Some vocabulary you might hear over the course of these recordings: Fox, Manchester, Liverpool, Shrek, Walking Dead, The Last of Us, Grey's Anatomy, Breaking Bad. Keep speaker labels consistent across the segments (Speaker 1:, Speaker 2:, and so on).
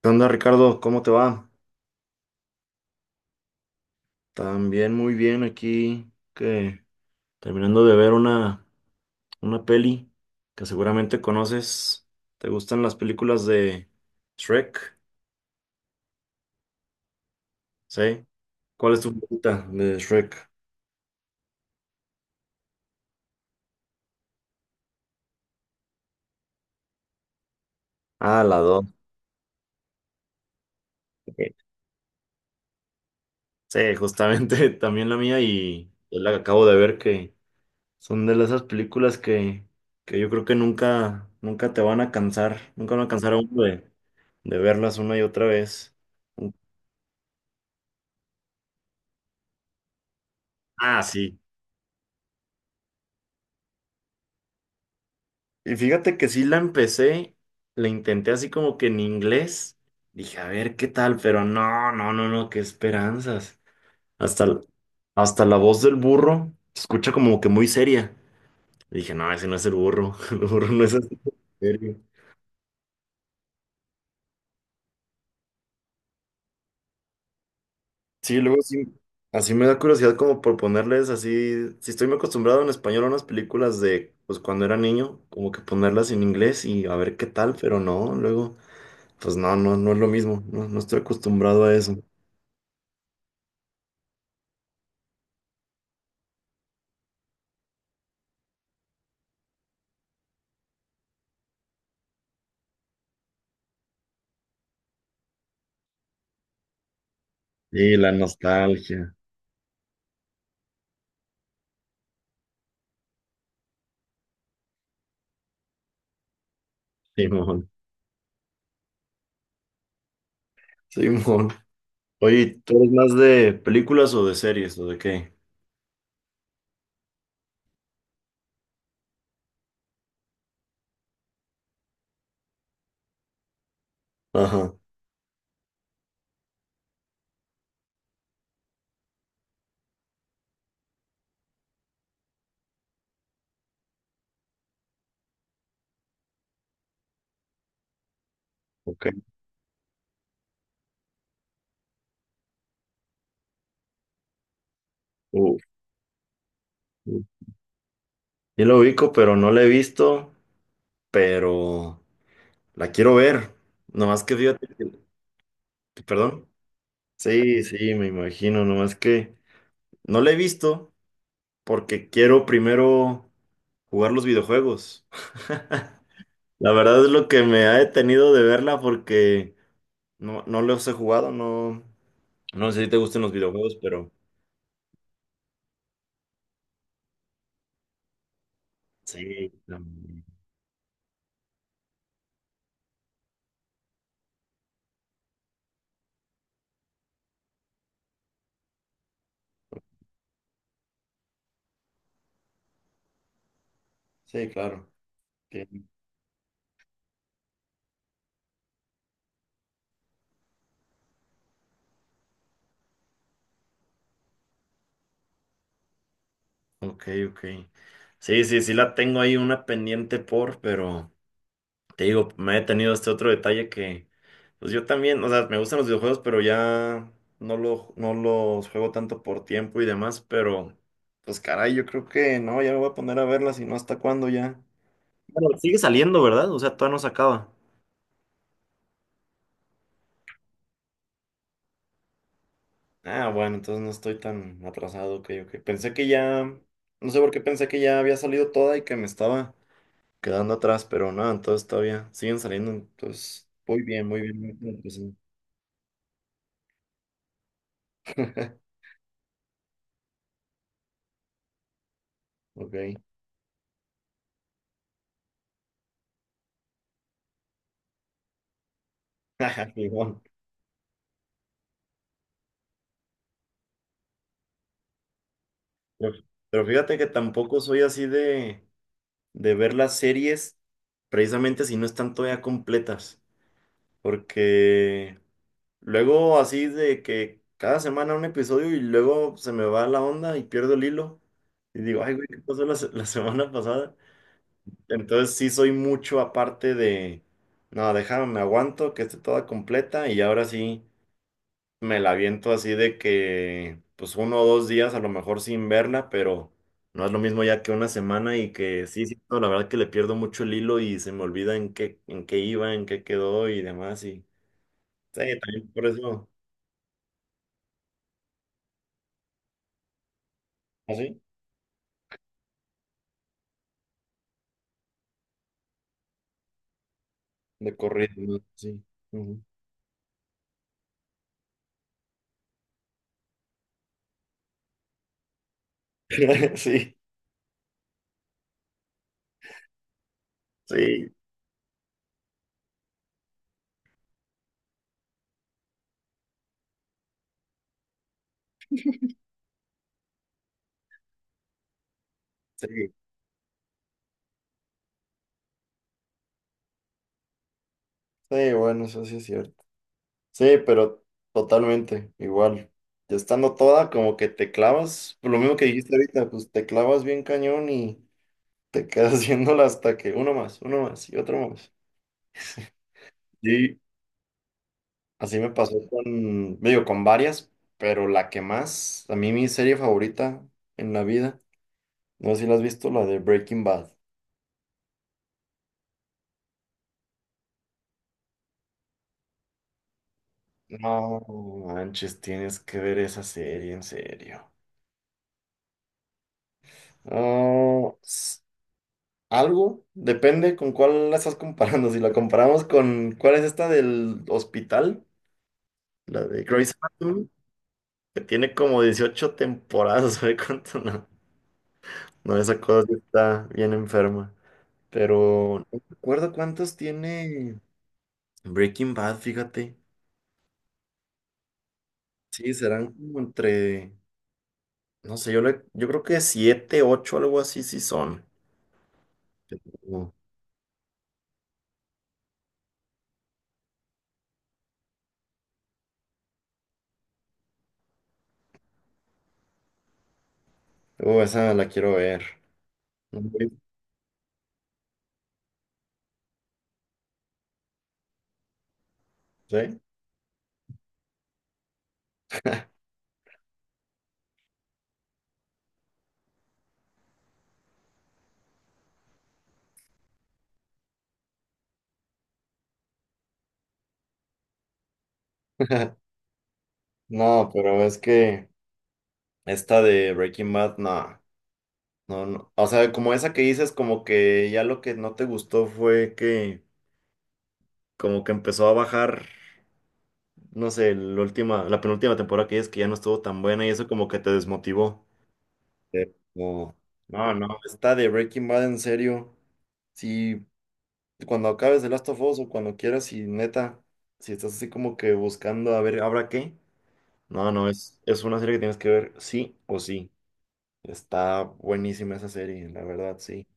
Speaker 1: ¿Qué onda, Ricardo? ¿Cómo te va? También muy bien aquí, que terminando de ver una peli que seguramente conoces. ¿Te gustan las películas de Shrek? ¿Sí? ¿Cuál es tu favorita de Shrek? Ah, la dos. Ok. Sí, justamente también la mía y yo la acabo de ver que son de esas películas que yo creo que nunca, nunca te van a cansar, nunca van a cansar a uno de verlas una y otra vez. Ah, sí. Y fíjate que sí la empecé, la intenté así como que en inglés. Dije, a ver qué tal, pero no, no, no, no, qué esperanzas. Hasta, hasta la voz del burro se escucha como que muy seria. Dije, no, ese no es el burro, el burro no es así de serio. Sí, luego sí, así me da curiosidad como por ponerles así, si estoy muy acostumbrado en español a unas películas de, pues cuando era niño, como que ponerlas en inglés y a ver qué tal, pero no, luego, pues no, no, no es lo mismo, no, no estoy acostumbrado a eso. Sí, la nostalgia, Simón. Simón. Oye, ¿tú eres más de películas o de series o de qué? Ajá. Ok. Uf, uf. Yo lo ubico, pero no la he visto, pero la quiero ver. Nomás que fíjate. Perdón. Sí, sí, me imagino. Nomás que no la he visto porque quiero primero jugar los videojuegos. La verdad es lo que me ha detenido de verla porque no, no los he jugado, no. No sé si te gustan los videojuegos, pero sí, también. Sí, claro. Entiendo. Ok, ok. Sí, sí, sí la tengo ahí una pendiente por, pero te digo, me he tenido este otro detalle que, pues yo también, o sea, me gustan los videojuegos, pero ya no los juego tanto por tiempo y demás, pero pues caray, yo creo que no, ya me voy a poner a verlas y no hasta cuándo ya. Bueno, sigue saliendo, ¿verdad? O sea, todavía no se acaba. Ah, bueno, entonces no estoy tan atrasado, ok, ok. Pensé que ya, no sé por qué pensé que ya había salido toda y que me estaba quedando atrás, pero no, entonces todavía siguen saliendo, entonces muy bien, muy bien. Muy bien, pues, sí. Ok. Fijón. Pero pero fíjate que tampoco soy así de ver las series precisamente si no están todavía completas, porque. Luego así de que cada semana un episodio y luego se me va la onda y pierdo el hilo. Y digo, ay, güey, ¿qué pasó la semana pasada? Entonces sí soy mucho aparte de, no, déjame, me aguanto, que esté toda completa y ahora sí me la aviento así de que, pues uno o dos días a lo mejor sin verla, pero no es lo mismo ya que una semana y que sí, sí, no, la verdad que le pierdo mucho el hilo y se me olvida en qué iba, en qué quedó y demás. Y sí, también por eso. ¿Así? De corrido, ¿no? Sí. Ujú. Sí, sí, sí, sí, bueno, eso sí es cierto. Sí, pero totalmente igual. Ya estando toda, como que te clavas, por lo mismo que dijiste ahorita, pues te clavas bien cañón y te quedas haciéndola hasta que uno más y otro más. Sí, así me pasó con, digo, con varias, pero la que más, a mí mi serie favorita en la vida, no sé si la has visto, la de Breaking Bad. No manches, tienes que ver esa serie, en serio. No, algo, depende con cuál la estás comparando. Si la comparamos con cuál es esta del hospital, la de Grey's Anatomy, que tiene como 18 temporadas, ¿sabe cuánto? No, no, esa cosa sí está bien enferma. Pero no recuerdo cuántos tiene Breaking Bad, fíjate. Sí, serán como entre, no sé, yo creo que 7, 8, algo así, sí son. Esa la quiero ver. ¿No la viste? ¿Sí? No, pero es que esta de Breaking Bad, no, no, no. O sea, como esa que dices, como que ya lo que no te gustó fue que como que empezó a bajar, no sé, la última, la penúltima temporada que dices que ya no estuvo tan buena y eso como que te desmotivó. Pero, no, no, esta de Breaking Bad en serio. Si cuando acabes The Last of Us o cuando quieras y neta, si estás así como que buscando a ver, ¿habrá qué? No, no, es una serie que tienes que ver sí o sí. Está buenísima esa serie, la verdad, sí.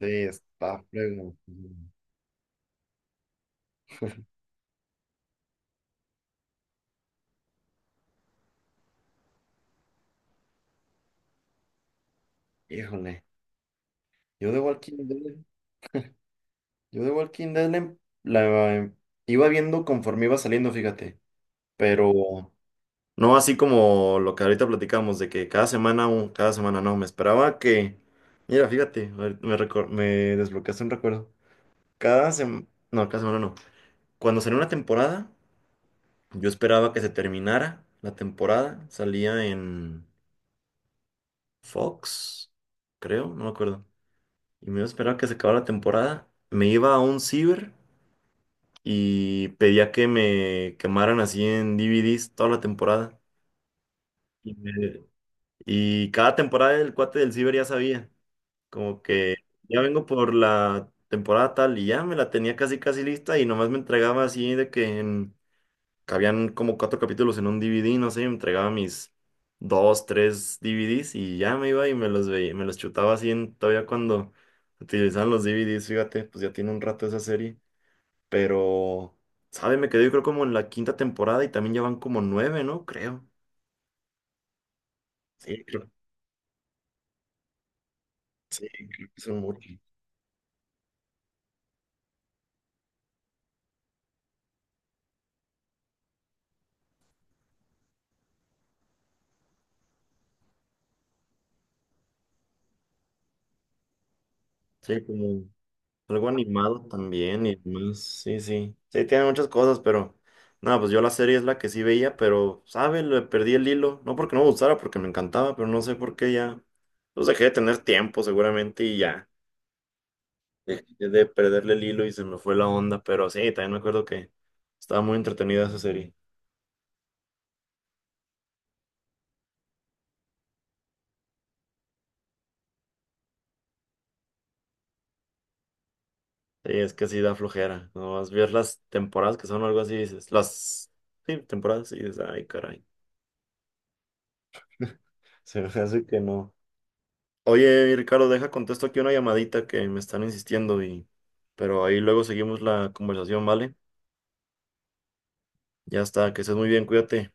Speaker 1: Sí, está fregón. Híjole, yo de Walking Dead, yo de Walking Dead la em- iba viendo conforme iba saliendo, fíjate. Pero no así como lo que ahorita platicamos, de que cada semana, cada semana no, me esperaba que. Mira, fíjate, ahorita me desbloqueaste un recuerdo. Cada semana, no, cada semana no. Cuando salió una temporada. Yo esperaba que se terminara la temporada. Salía en Fox, creo, no me acuerdo. Y me iba a esperar que se acabara la temporada. Me iba a un ciber y pedía que me quemaran así en DVDs toda la temporada. Y, me- y cada temporada el cuate del ciber ya sabía. Como que ya vengo por la temporada tal y ya me la tenía casi casi lista y nomás me entregaba así de que en cabían como cuatro capítulos en un DVD, no sé, entregaba mis dos, tres DVDs y ya me iba y me los veía, me los chutaba así todavía cuando utilizaban los DVDs, fíjate, pues ya tiene un rato esa serie, pero, ¿sabe? Me quedé yo creo como en la quinta temporada y también ya van como nueve, ¿no? Creo. Sí, creo, sí, creo que son muchos. Sí, como algo animado también y demás. Sí, sí. Sí, tiene muchas cosas, pero. Nada, pues yo la serie es la que sí veía, pero, ¿sabe? Le perdí el hilo. No porque no me gustara, porque me encantaba, pero no sé por qué ya. Pues dejé de tener tiempo, seguramente, y ya. Dejé de perderle el hilo y se me fue la onda, pero sí, también me acuerdo que estaba muy entretenida esa serie. Sí, es que sí da flojera. No vas a ver las temporadas que son o algo así, dices. Las. Sí, temporadas, y dices, ay, caray. Se me hace que no. Oye, Ricardo, deja contesto aquí una llamadita que me están insistiendo y pero ahí luego seguimos la conversación, ¿vale? Ya está, que estés muy bien, cuídate.